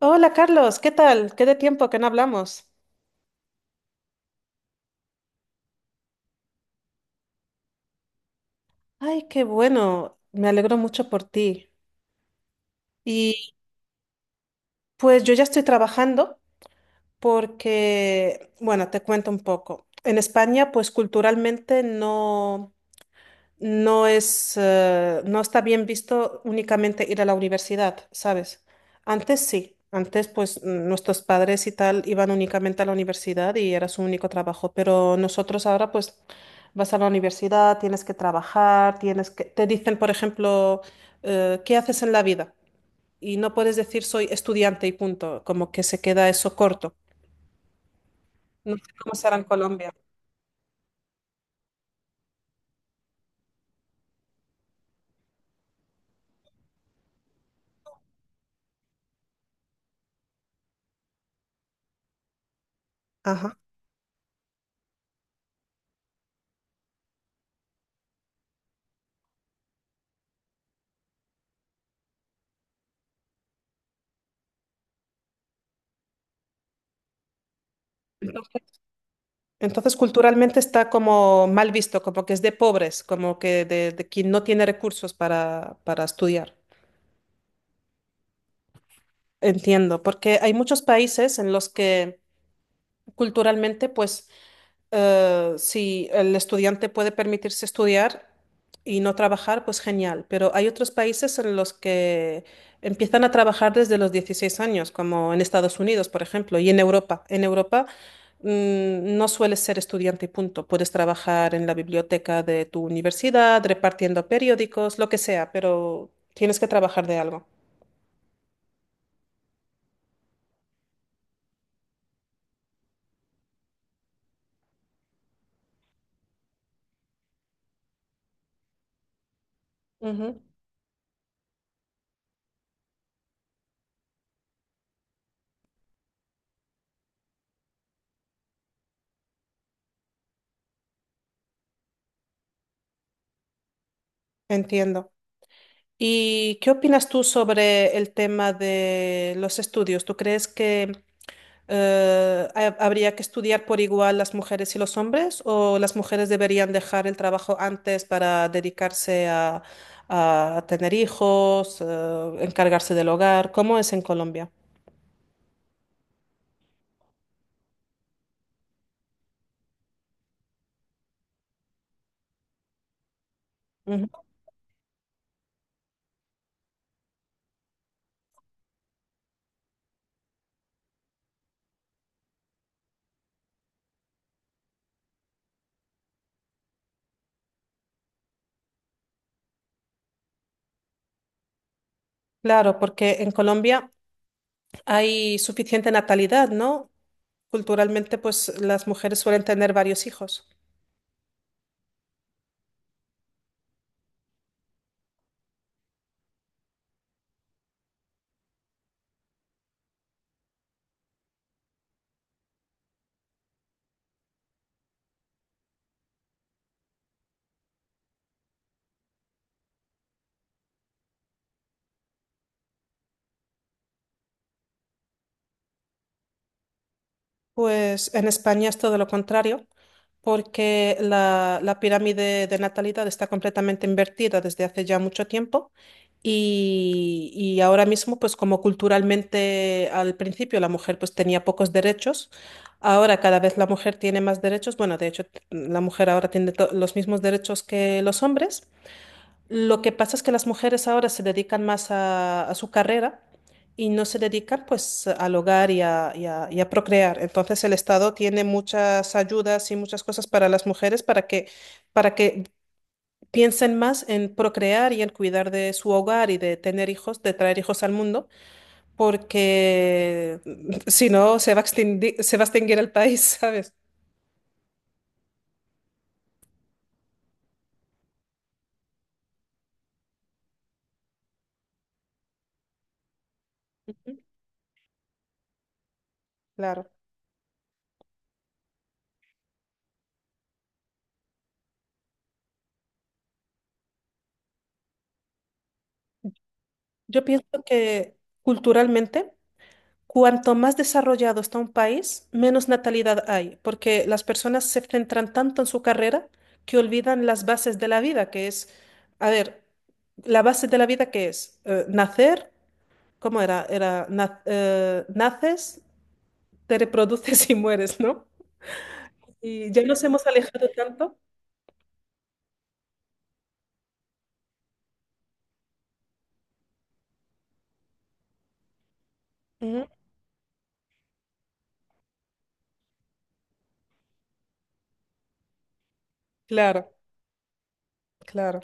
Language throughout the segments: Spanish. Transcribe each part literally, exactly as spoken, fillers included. Hola Carlos, ¿qué tal? Qué de tiempo que no hablamos. Ay, qué bueno, me alegro mucho por ti. Y pues yo ya estoy trabajando porque, bueno, te cuento un poco. En España, pues culturalmente no, no es, eh, no está bien visto únicamente ir a la universidad, ¿sabes? Antes sí, antes pues mm, nuestros padres y tal iban únicamente a la universidad y era su único trabajo, pero nosotros ahora pues vas a la universidad, tienes que trabajar, tienes que, te dicen, por ejemplo, eh, ¿qué haces en la vida? Y no puedes decir soy estudiante y punto, como que se queda eso corto. No sé cómo será en Colombia. Ajá. Entonces, culturalmente está como mal visto, como que es de pobres, como que de, de quien no tiene recursos para, para estudiar. Entiendo, porque hay muchos países en los que culturalmente, pues, Eh, si el estudiante puede permitirse estudiar y no trabajar, pues genial. Pero hay otros países en los que empiezan a trabajar desde los dieciséis años, como en Estados Unidos, por ejemplo, y en Europa. En Europa, mm, no sueles ser estudiante y punto. Puedes trabajar en la biblioteca de tu universidad, repartiendo periódicos, lo que sea, pero tienes que trabajar de algo. Ujú. Entiendo. ¿Y qué opinas tú sobre el tema de los estudios? ¿Tú crees que Eh, ¿ha- habría que estudiar por igual las mujeres y los hombres, o las mujeres deberían dejar el trabajo antes para dedicarse a, a tener hijos, eh, encargarse del hogar? ¿Cómo es en Colombia? Ujú. Claro, porque en Colombia hay suficiente natalidad, ¿no? Culturalmente, pues las mujeres suelen tener varios hijos. Pues en España es todo lo contrario, porque la, la pirámide de natalidad está completamente invertida desde hace ya mucho tiempo y, y ahora mismo, pues como culturalmente al principio la mujer pues tenía pocos derechos, ahora cada vez la mujer tiene más derechos. Bueno, de hecho, la mujer ahora tiene to- los mismos derechos que los hombres. Lo que pasa es que las mujeres ahora se dedican más a, a su carrera y no se dedican pues al hogar y a, y a- y a procrear. Entonces el Estado tiene muchas ayudas y muchas cosas para las mujeres para que, para que piensen más en procrear y en cuidar de su hogar y de tener hijos, de traer hijos al mundo, porque si no se va a extinguir, se va a extinguir el país, ¿sabes? Ujú. Claro. Yo pienso que, culturalmente, cuanto más desarrollado está un país, menos natalidad hay, porque las personas se centran tanto en su carrera que olvidan las bases de la vida, que es, a ver, la base de la vida, que es eh, nacer. ¿Cómo era? Era na- eh, naces, te reproduces y mueres, ¿no? Y ya nos hemos alejado tanto. Ujú. Claro, claro.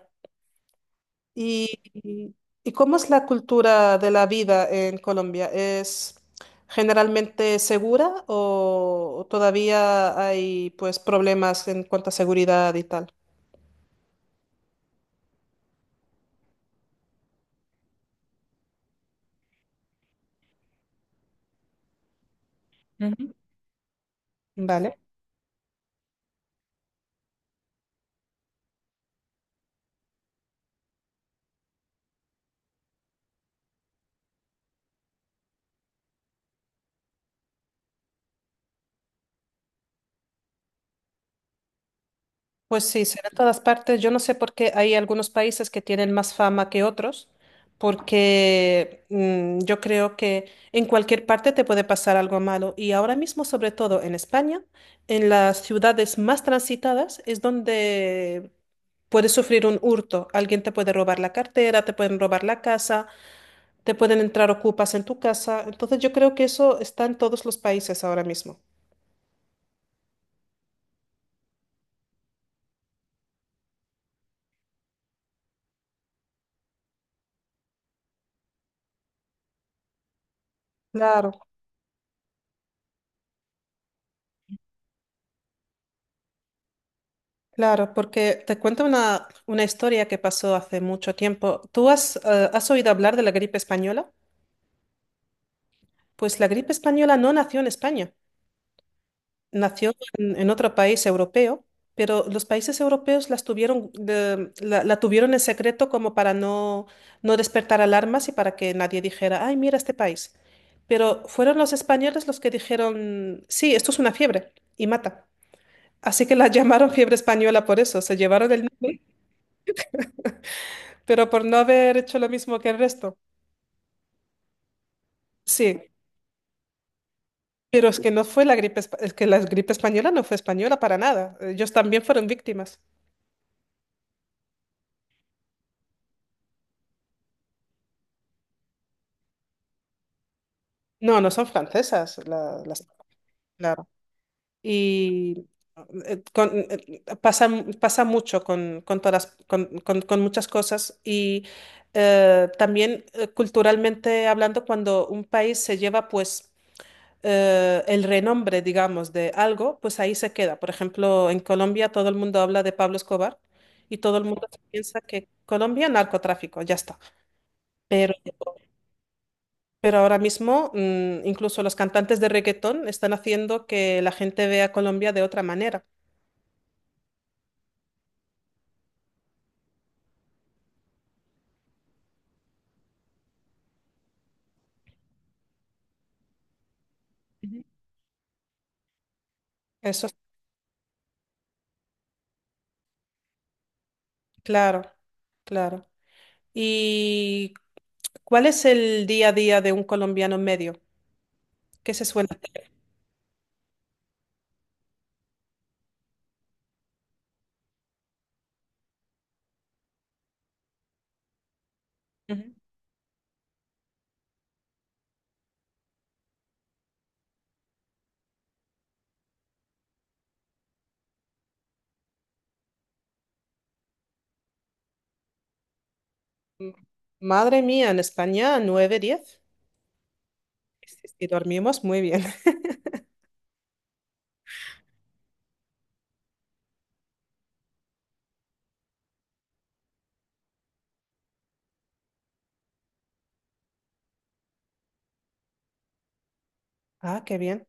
¿Y, y cómo es la cultura de la vida en Colombia? ¿Es generalmente segura, o o todavía hay pues problemas en cuanto a seguridad y tal? Ujú. Vale. Pues sí, será en todas partes. Yo no sé por qué hay algunos países que tienen más fama que otros, porque mm, yo creo que en cualquier parte te puede pasar algo malo. Y ahora mismo, sobre todo en España, en las ciudades más transitadas es donde puedes sufrir un hurto. Alguien te puede robar la cartera, te pueden robar la casa, te pueden entrar ocupas en tu casa. Entonces yo creo que eso está en todos los países ahora mismo. Claro. Claro, porque te cuento una, una historia que pasó hace mucho tiempo. ¿Tú has, eh, has oído hablar de la gripe española? Pues la gripe española no nació en España, nació en, en otro país europeo, pero los países europeos las tuvieron, de- la, la tuvieron en secreto como para no, no despertar alarmas y para que nadie dijera, ay, mira este país. Pero fueron los españoles los que dijeron, sí, esto es una fiebre y mata. Así que la llamaron fiebre española por eso, se llevaron el. Pero por no haber hecho lo mismo que el resto. Sí, pero es que no fue la gripe, espa- es que la gripe española no fue española para nada. Ellos también fueron víctimas. No, no son francesas, la- las, claro. Y eh, con- eh, pasa, pasa mucho con, con todas, las- con, con- con muchas cosas. Y eh, también eh, culturalmente hablando, cuando un país se lleva pues eh, el renombre, digamos, de algo, pues ahí se queda. Por ejemplo, en Colombia todo el mundo habla de Pablo Escobar y todo el mundo piensa que Colombia narcotráfico, ya está. Pero, pero ahora mismo mm, incluso los cantantes de reggaetón están haciendo que la gente vea a Colombia de otra manera. Ujú. Eso es claro, claro. ¿Y cuál es el día a día de un colombiano medio? ¿Qué se suele hacer? Ujú. Mm, Madre mía, en España nueve, diez. Sí, sí, sí, dormimos muy bien. Ah, qué bien.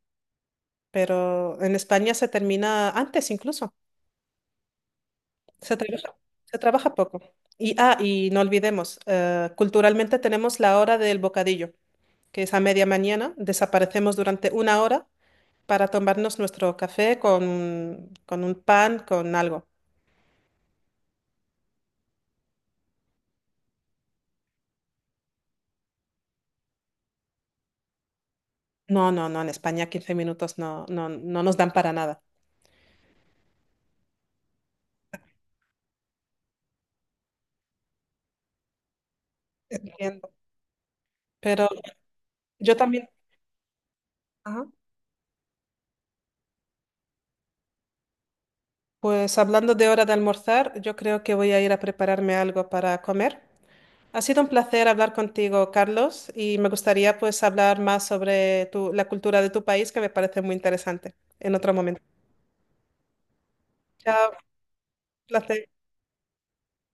Pero en España se termina antes incluso. Se trabaja, se trabaja poco. Y, ah, y no olvidemos, eh, culturalmente tenemos la hora del bocadillo, que es a media mañana. Desaparecemos durante una hora para tomarnos nuestro café con, con un pan, con algo. No, no, no, en España quince minutos no, no, no nos dan para nada. Entiendo. Pero yo también, ajá. Pues hablando de hora de almorzar, yo creo que voy a ir a prepararme algo para comer. Ha sido un placer hablar contigo, Carlos, y me gustaría pues hablar más sobre tu- la cultura de tu país, que me parece muy interesante. En otro momento. Chao, placer.